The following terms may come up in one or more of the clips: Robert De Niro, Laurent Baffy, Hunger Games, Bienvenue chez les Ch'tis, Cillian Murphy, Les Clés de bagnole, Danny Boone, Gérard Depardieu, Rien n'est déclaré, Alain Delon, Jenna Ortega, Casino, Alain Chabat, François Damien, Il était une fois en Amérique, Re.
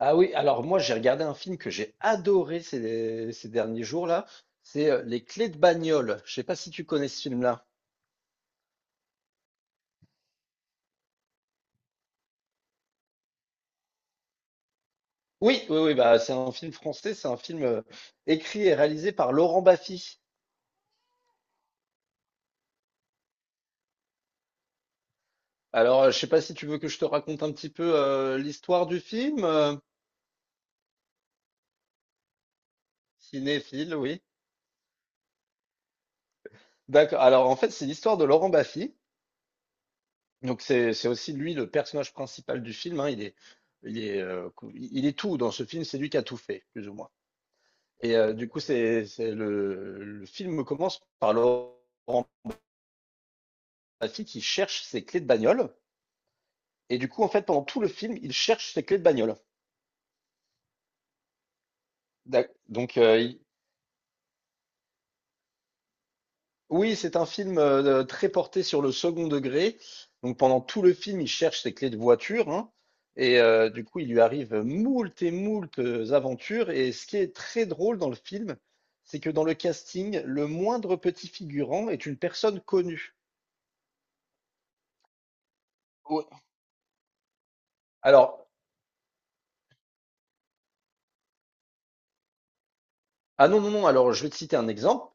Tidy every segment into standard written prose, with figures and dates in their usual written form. Ah oui, alors moi j'ai regardé un film que j'ai adoré ces derniers jours-là, c'est Les Clés de bagnole. Je sais pas si tu connais ce film-là. Oui, oui, oui, bah c'est un film français, c'est un film écrit et réalisé par Laurent Baffy. Alors je sais pas si tu veux que je te raconte un petit peu l'histoire du film. Cinéphile, oui. D'accord. Alors en fait c'est l'histoire de Laurent Baffy. Donc c'est aussi lui le personnage principal du film, hein. Il est il est tout dans ce film, c'est lui qui a tout fait plus ou moins. Et du coup, le film commence par Laurent Baffy qui cherche ses clés de bagnole. Et du coup, en fait, pendant tout le film, il cherche ses clés de bagnole. D'ac- Donc, euh, il- oui, c'est un film très porté sur le second degré. Donc, pendant tout le film, il cherche ses clés de voiture, hein. Et du coup, il lui arrive moult et moult aventures. Et ce qui est très drôle dans le film, c'est que dans le casting, le moindre petit figurant est une personne connue. Ouais. Alors, ah non, non, non, alors je vais te citer un exemple.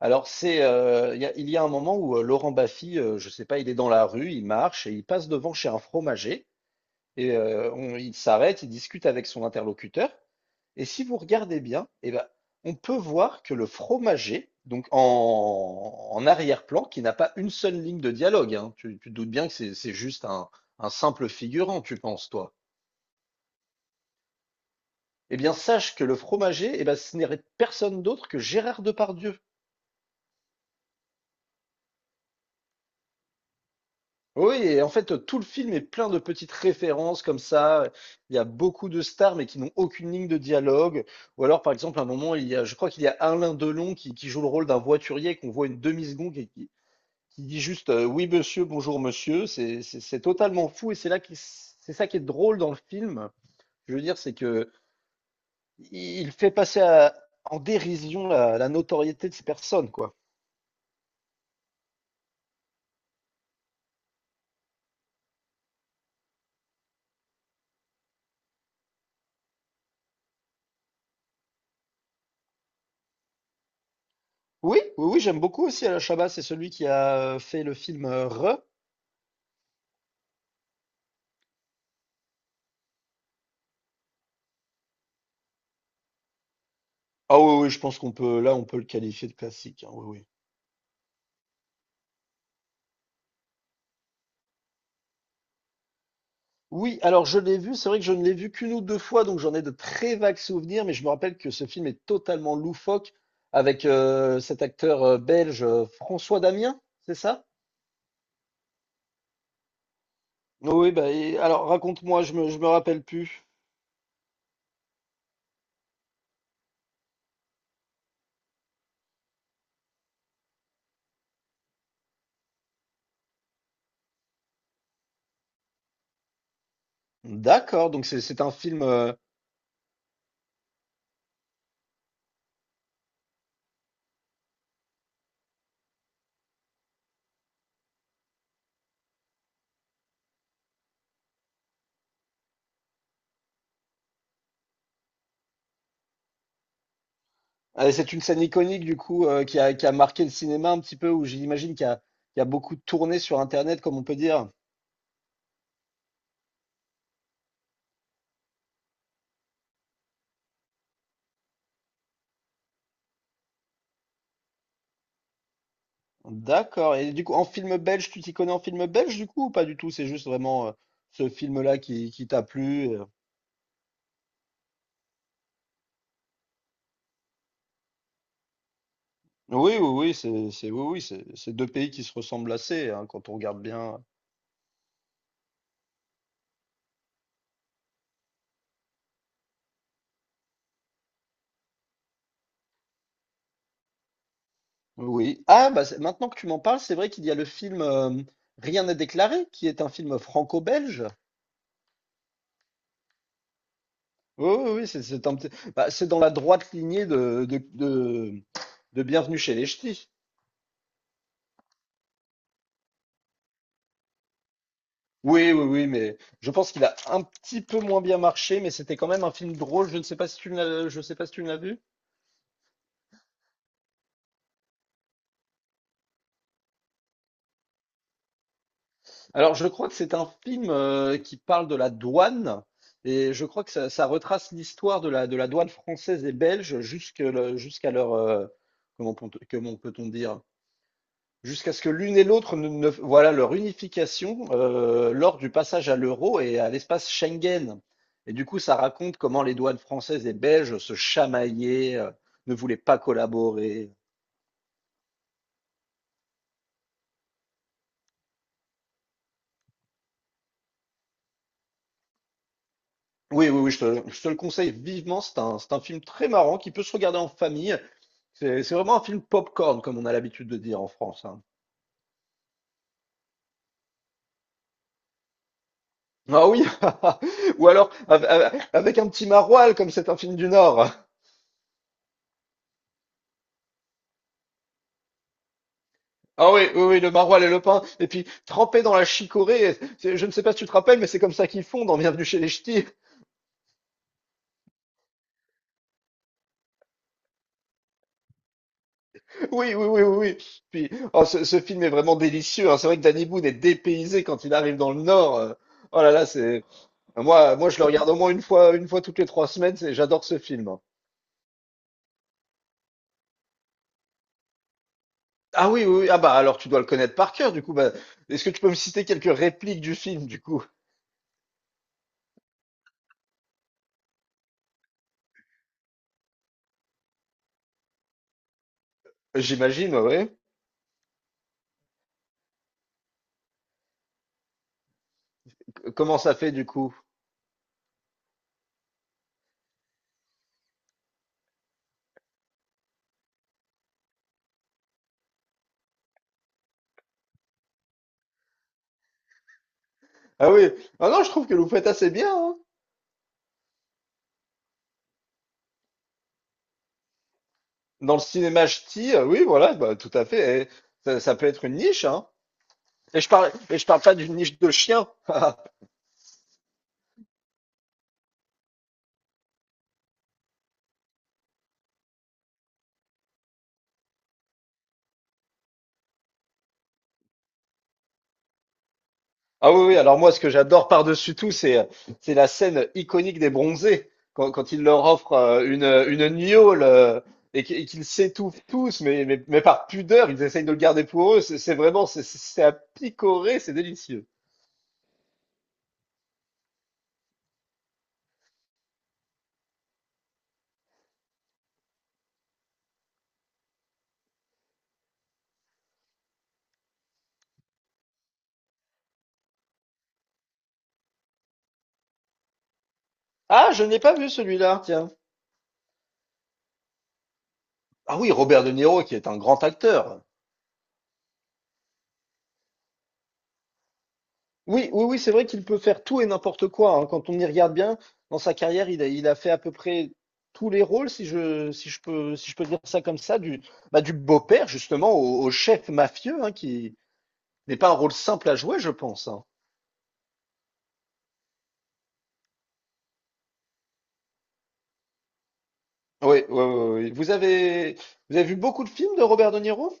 Alors c'est, il y a un moment où Laurent Baffy, je sais pas, il est dans la rue, il marche et il passe devant chez un fromager et il s'arrête, il discute avec son interlocuteur. Et si vous regardez bien, eh ben, on peut voir que le fromager, donc en arrière-plan, qui n'a pas une seule ligne de dialogue, hein, tu te doutes bien que c'est juste un simple figurant, tu penses, toi. Eh bien, sache que le fromager, eh ben, ce n'est personne d'autre que Gérard Depardieu. Oui, et en fait, tout le film est plein de petites références comme ça. Il y a beaucoup de stars, mais qui n'ont aucune ligne de dialogue. Ou alors, par exemple, à un moment, il y a, je crois qu'il y a Alain Delon qui joue le rôle d'un voiturier qu'on voit une demi-seconde et qui dit juste oui monsieur, bonjour monsieur. C'est totalement fou et c'est ça qui est drôle dans le film. Je veux dire, c'est que il fait passer à- en dérision la notoriété de ces personnes, quoi. Oui, oui, oui, j'aime beaucoup aussi Alain Chabat. C'est celui qui a fait le film Re. Ah oui, oui, je pense qu'on peut, là, on peut le qualifier de classique, hein, oui, oui. Oui, alors je l'ai vu, c'est vrai que je ne l'ai vu qu'une ou deux fois, donc j'en ai de très vagues souvenirs, mais je me rappelle que ce film est totalement loufoque avec cet acteur belge François Damien, c'est ça? Oui, bah, alors raconte-moi, je me rappelle plus. D'accord, donc c'est un film. C'est une scène iconique du coup qui a marqué le cinéma un petit peu, où j'imagine il y a beaucoup tourné sur Internet, comme on peut dire. D'accord. Et du coup, en film belge, tu t'y connais en film belge du coup ou pas du tout? C'est juste vraiment ce film-là qui t'a plu, Oui, oui, oui, oui, oui, c'est deux pays qui se ressemblent assez, hein, quand on regarde bien. Oui. Ah, bah, c'est- maintenant que tu m'en parles, c'est vrai qu'il y a le film Rien n'est déclaré, qui est un film franco-belge. Oui, oui, oui, c'est un bah, c'est dans la droite lignée de Bienvenue chez les Ch'tis. Oui, oui, oui, mais je pense qu'il a un petit peu moins bien marché, mais c'était quand même un film drôle. Je ne sais pas si tu l'as, je sais pas si tu l'as vu. Alors, je crois que c'est un film qui parle de la douane, et je crois que ça retrace l'histoire de de la douane française et belge jusqu'à leur, comment peut-on dire, jusqu'à ce que l'une et l'autre voilà leur unification lors du passage à l'euro et à l'espace Schengen. Et du coup, ça raconte comment les douanes françaises et belges se chamaillaient, ne voulaient pas collaborer. Oui, oui, oui, je te le conseille vivement. C'est un film très marrant qui peut se regarder en famille. C'est vraiment un film popcorn, comme on a l'habitude de dire en France, hein. Ah oui, ou alors avec un petit maroilles, comme c'est un film du Nord. Ah oui, oui, oui, le maroilles et le pain, et puis trempé dans la chicorée, c'est- je ne sais pas si tu te rappelles, mais c'est comme ça qu'ils font dans Bienvenue chez les Ch'tis. Oui, oui, oui, oui, oui. Puis, oh, ce film est vraiment délicieux, hein. C'est vrai que Danny Boone est dépaysé quand il arrive dans le Nord, Oh là là, c'est, moi, je le regarde au moins une fois toutes les trois semaines, c'est- j'adore ce film, hein. Ah oui, oui, oui, ah bah, alors tu dois le connaître par cœur, du coup, bah, est-ce que tu peux me citer quelques répliques du film, du coup? J'imagine, ouais. Comment ça fait, du coup? Ah oui. Ah non, je trouve que vous faites assez bien, hein. Dans le cinéma ch'ti, oui, voilà, bah, tout à fait. Et ça peut être une niche, hein. Et je parle pas d'une niche de chien. Ah oui, oui, alors moi, ce que j'adore par-dessus tout, c'est la scène iconique des bronzés, quand il leur offre une gnôle et et qu'ils s'étouffent tous, mais par pudeur, ils essayent de le garder pour eux. C'est vraiment, c'est à picorer, c'est délicieux. Ah, je n'ai pas vu celui-là, tiens. Ah oui, Robert De Niro, qui est un grand acteur. Oui, oui, oui, c'est vrai qu'il peut faire tout et n'importe quoi, hein. Quand on y regarde bien, dans sa carrière, il a fait à peu près tous les rôles, si je peux dire ça comme ça, du, bah, du beau-père justement au chef mafieux, hein, qui n'est pas un rôle simple à jouer, je pense, hein. Oui, oui, oui, oui. Vous avez vu beaucoup de films de Robert De Niro?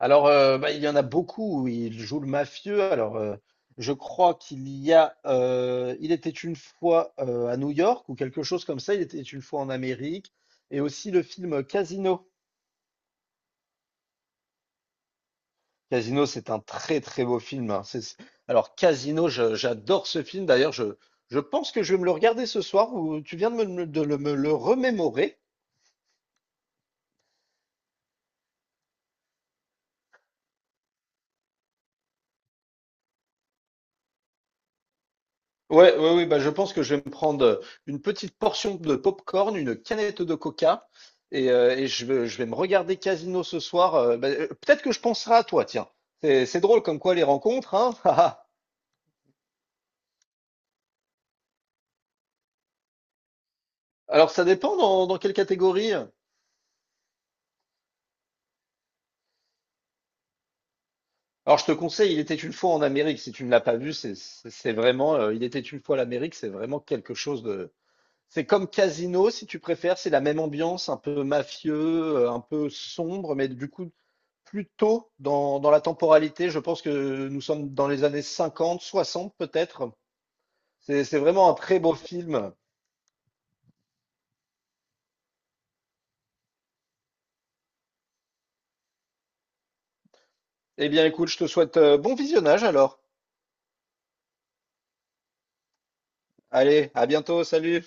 Alors, bah, il y en a beaucoup où il joue le mafieux. Alors, je crois qu'il y a, il était une fois à New York ou quelque chose comme ça. Il était une fois en Amérique. Et aussi le film Casino. Casino, c'est un très très beau film, hein. Alors, Casino, j'adore ce film. D'ailleurs, je pense que je vais me le regarder ce soir. Ou tu viens de me, de le- me le remémorer. Ouais, ouais, ouais, bah je pense que je vais me prendre une petite portion de popcorn, une canette de coca, et, je vais me regarder Casino ce soir. Peut-être que je penserai à toi, tiens. C'est drôle comme quoi les rencontres, hein. Alors ça dépend dans quelle catégorie. Alors je te conseille, il était une fois en Amérique, si tu ne l'as pas vu, c'est vraiment, il était une fois l'Amérique, c'est vraiment quelque chose de, c'est comme Casino, si tu préfères, c'est la même ambiance, un peu mafieux, un peu sombre, mais du coup, plutôt dans la temporalité. Je pense que nous sommes dans les années 50, 60 peut-être. C'est vraiment un très beau film. Eh bien, écoute, je te souhaite bon visionnage alors. Allez, à bientôt, salut.